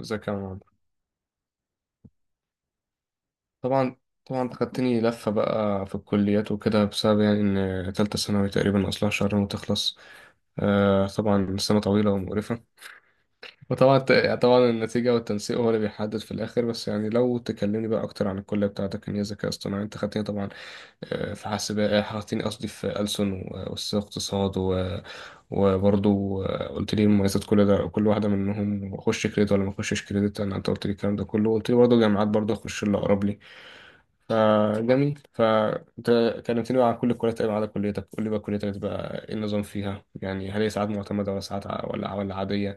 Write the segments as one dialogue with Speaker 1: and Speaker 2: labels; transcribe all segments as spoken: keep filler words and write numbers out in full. Speaker 1: ازيك يا عمر. طبعا. طبعا خدتني لفة بقى في الكليات وكده، بسبب يعني إن تالتة ثانوي تقريبا أصلها شهرين وتخلص. آه طبعا سنة طويلة ومقرفة. وطبعا طبعا النتيجة والتنسيق هو اللي بيحدد في الآخر، بس يعني لو تكلمني بقى أكتر عن الكلية بتاعتك، إن هي ذكاء اصطناعي أنت خدتني طبعا. آه، في حاسبات، خدتني قصدي، في ألسن و- وسياسة اقتصاد و... وبرضه. آه، قلت لي مميزات كل ده، كل واحدة منهم أخش كريدت ولا ما أخشش كريدت، أنا أنت قلت لي الكلام ده كله، قلت لي برضه جامعات، برضه أخش اللي أقرب لي. فجميل، فانت كلمتني بقى عن كل الكليات تقريبا ما عدا كليتك. قول لي بقى كليتك بقى ايه النظام فيها؟ يعني هل هي ساعات معتمدة ولا ساعات ع- ولا ولا عادية؟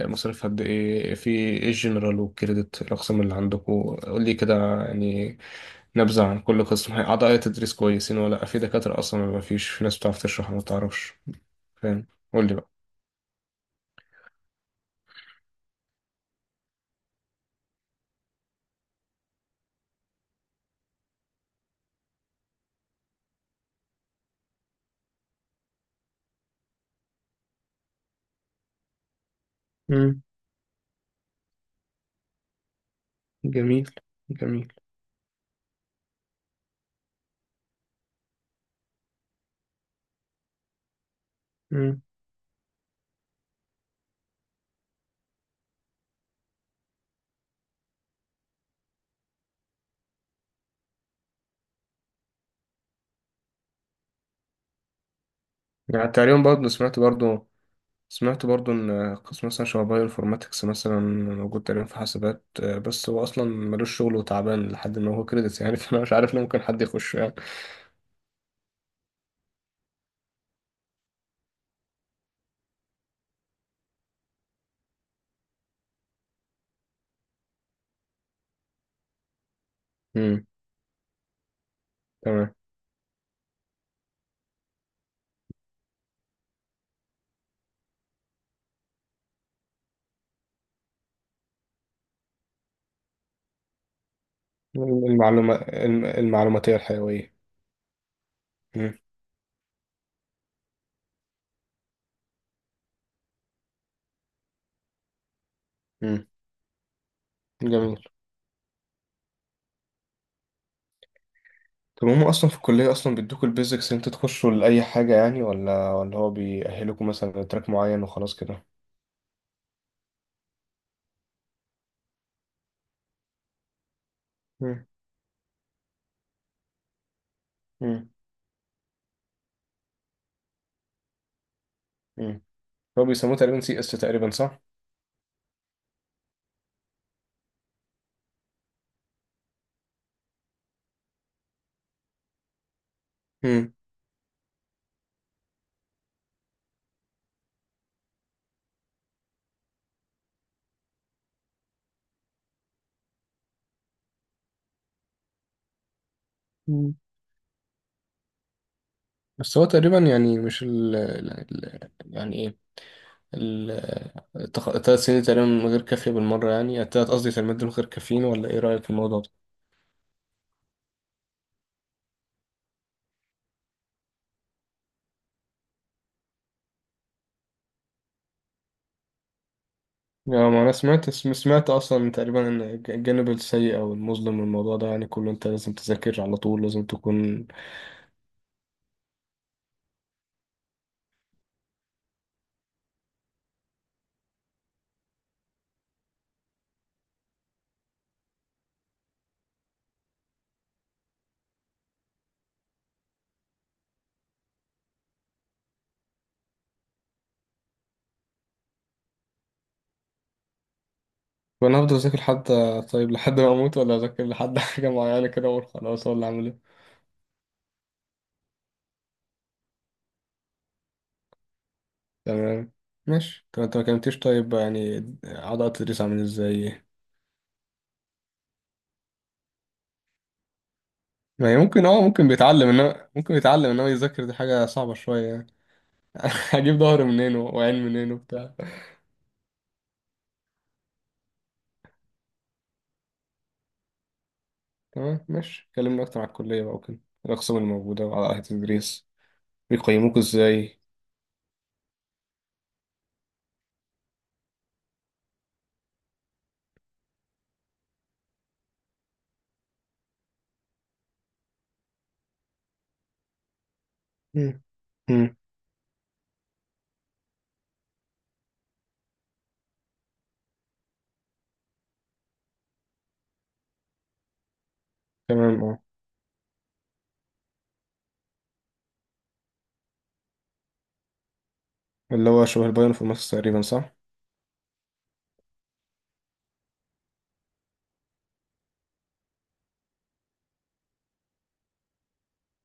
Speaker 1: مصاريف قد ايه؟ في ايه الجنرال والكريدت، الاقسام اللي عندكم؟ قول لي كده يعني نبذة عن كل قسم. هي اعضاء تدريس كويسين ولا لأ؟ في دكاترة اصلا ولا مفيش؟ في ناس بتعرف تشرح ولا ما بتعرفش؟ فاهم. قول لي بقى. امم. جميل. جميل. امم. يعني تقريبا برضه سمعت برضه سمعت برضو ان قسم مثلا شبه بايو انفورماتكس مثلا موجود تقريبا في حاسبات، آه، بس هو اصلا ملوش شغل وتعبان لحد ما، هو كريدتس يعني فانا مش عارف ليه ممكن حد يخش يعني. امم. تمام. المعلومة الم- المعلوماتية الحيوية. امم. امم. جميل. طب هم اصلا في الكلية اصلا بيدوكوا البيزكس ان انتوا تخشوا لأي حاجة يعني، ولا ولا هو بيأهلكم مثلا لتراك معين وخلاص كده؟ امم. امم. امم. هو بيسموه تقريبا سي اس تقريبا، صح؟ امم. مم. بس هو تقريبا يعني مش ال ال- ال- يعني ايه، التلات سنين تقريبا من غير كافية بالمرة، يعني التلات، قصدي تلات، دول غير كافيين، ولا ايه رأيك في الموضوع ده؟ يعني ما انا سمعت سم- سمعت اصلا تقريبا ان الج- الجانب السيء او المظلم من الموضوع ده، يعني كله انت لازم تذاكر على طول، لازم تكون. وانا هفضل اذاكر حتى طيب، لحد ما اموت ولا اذاكر لحد حاجة معينة كده اقول خلاص، ولا اعمل ايه؟ تمام. ماشي. طب انت ما كلمتيش طيب يعني اعضاء التدريس عامل ازاي؟ ما هي ممكن اه، ممكن بيتعلم انما ممكن بيتعلم انما يذاكر، دي حاجة صعبة شوية يعني. هجيب ظهر منين وعين منين وبتاع. تمام ماشي، كلمنا اكتر على الكلية بقى وكده، الاقسام الموجودة، وعلى اهل التدريس بيقيموك ازاي. مم. مم. تمام اه. اللي هو شبه البايو انفورماتكس تقريبا، صح؟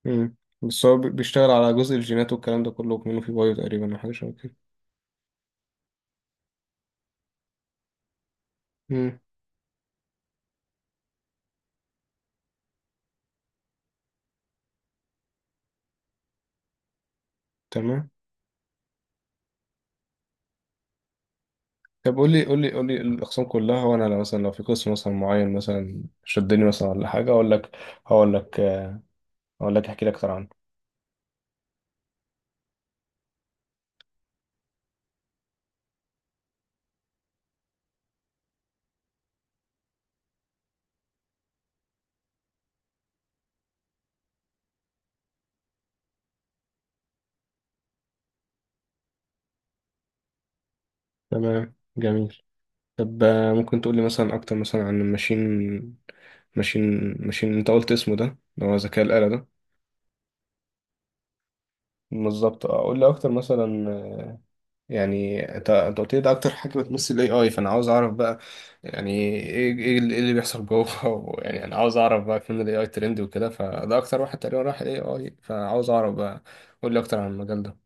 Speaker 1: مم. بس هو بي- بيشتغل على جزء الجينات والكلام ده كله، منه في بايو تقريبا، او حاجة شبه كده. مم. تمام. طب قول لي، قول لي قول لي الاقسام كلها، وانا لو مثلا، لو في قسم مثلا معين مثلا شدني مثلا، ولا حاجة، اقول لك. هقول لك آه، هقول لك احكي لك اكتر عنه. تمام جميل. طب آه، ممكن تقولي مثلا أكتر مثلا عن الماشين، ماشين ماشين أنت قلت اسمه ده، اللي هو ذكاء الآلة ده. بالظبط. آه، قول لي أكتر مثلا. آه، يعني أنت أنت قلت لي ده أكتر حاجة بتمثل ال إيه آي، فأنا عاوز أعرف بقى يعني إيه، إيه اللي إيه اللي بيحصل جوه يعني أنا عاوز أعرف بقى فين ال إيه آي ترند وكده، فده أكتر واحد تقريبا راح ال إيه آي، فعاوز أعرف بقى. قول لي أكتر عن المجال ده.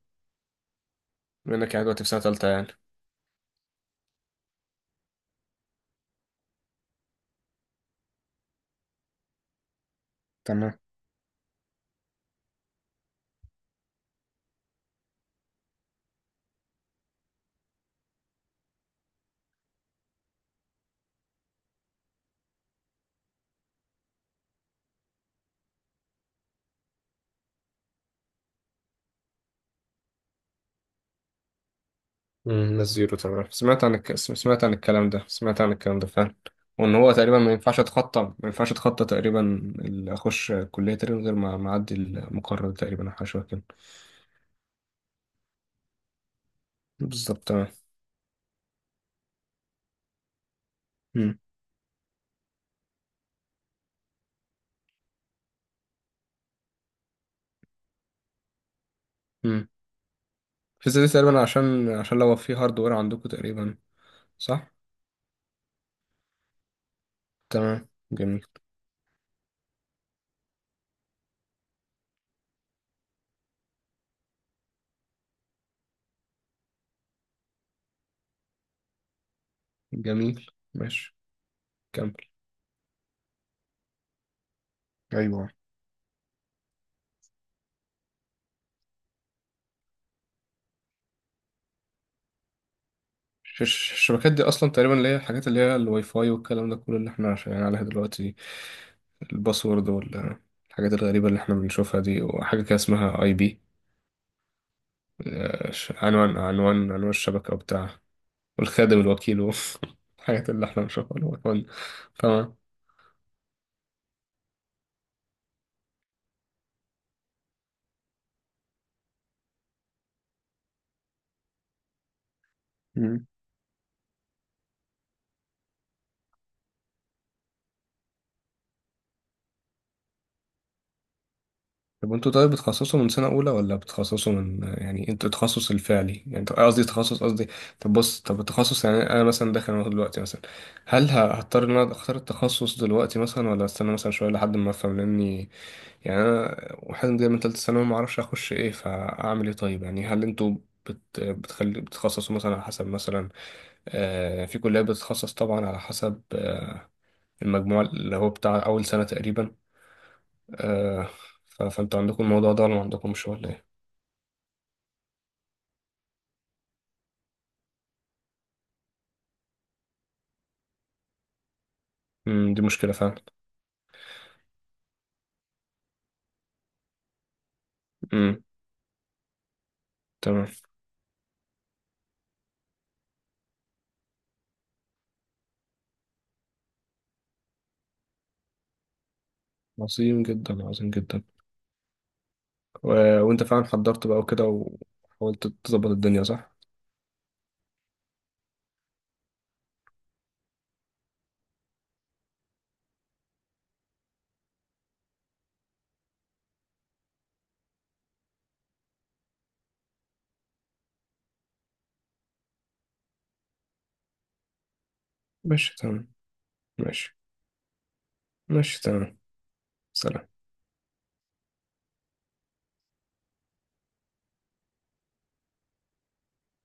Speaker 1: بما إنك يعني دلوقتي في سنة تالتة يعني. تمام. امم. ناس زيرو تمام، سمعت عن الك... سمعت عن الكلام ده، سمعت عن الكلام ده فعلا. وان هو تقريبا ما ينفعش اتخطى ما ينفعش اتخطى تقريبا، اللي اخش كليه تقريبا غير ما ما اعدي المقرر تقريبا، او حاجه شبه كده. بالظبط تمام. امم. امم. الفيزا دي تقريبا عشان، عشان لو في هاردوير عندكم تقريبا. صح. تمام جميل. جميل ماشي. كمل. ايوه. الش- الش- الشبكات دي اصلا تقريبا، اللي هي الحاجات اللي هي الواي فاي والكلام ده كله، اللي احنا شغالين عليها دلوقتي. الباسورد والحاجات الغريبه اللي احنا بنشوفها دي، وحاجه كده اسمها اي بي، عنوان عنوان عنوان الشبكه وبتاع، والخادم الوكيل والحاجات اللي احنا بنشوفها، العنوان. تمام. مم. طب انتوا طيب بتخصصوا من سنة أولى، ولا بتخصصوا من، يعني انتوا التخصص الفعلي، يعني انتوا، قصدي تخصص قصدي. طب بص، طب التخصص يعني أنا مثلا داخل أهو دلوقتي مثلا، هل ه- هضطر إن أنا أختار التخصص دلوقتي مثلا، ولا أستنى مثلا شوية لحد ما أفهم، لأني يعني أنا واحد جاي من تالتة ثانوي، معرفش أخش إيه فأعمل إيه. طيب يعني هل انتوا بت بتخلي بتخصصوا مثلا على حسب مثلا، آه في كلية بتتخصص طبعا على حسب آه المجموع اللي هو بتاع أول سنة تقريبا، آه، ف- فانتوا عندكم الموضوع ده ولا ما عندكمش ولا إيه؟ امم. دي مشكلة فعلا. امم. تمام. عظيم جدا. عظيم جدا. و... وانت فعلا حضرت بقى وكده، وحاولت تظبط الدنيا، صح؟ ماشي تمام. ماشي. ماشي تمام. سلام.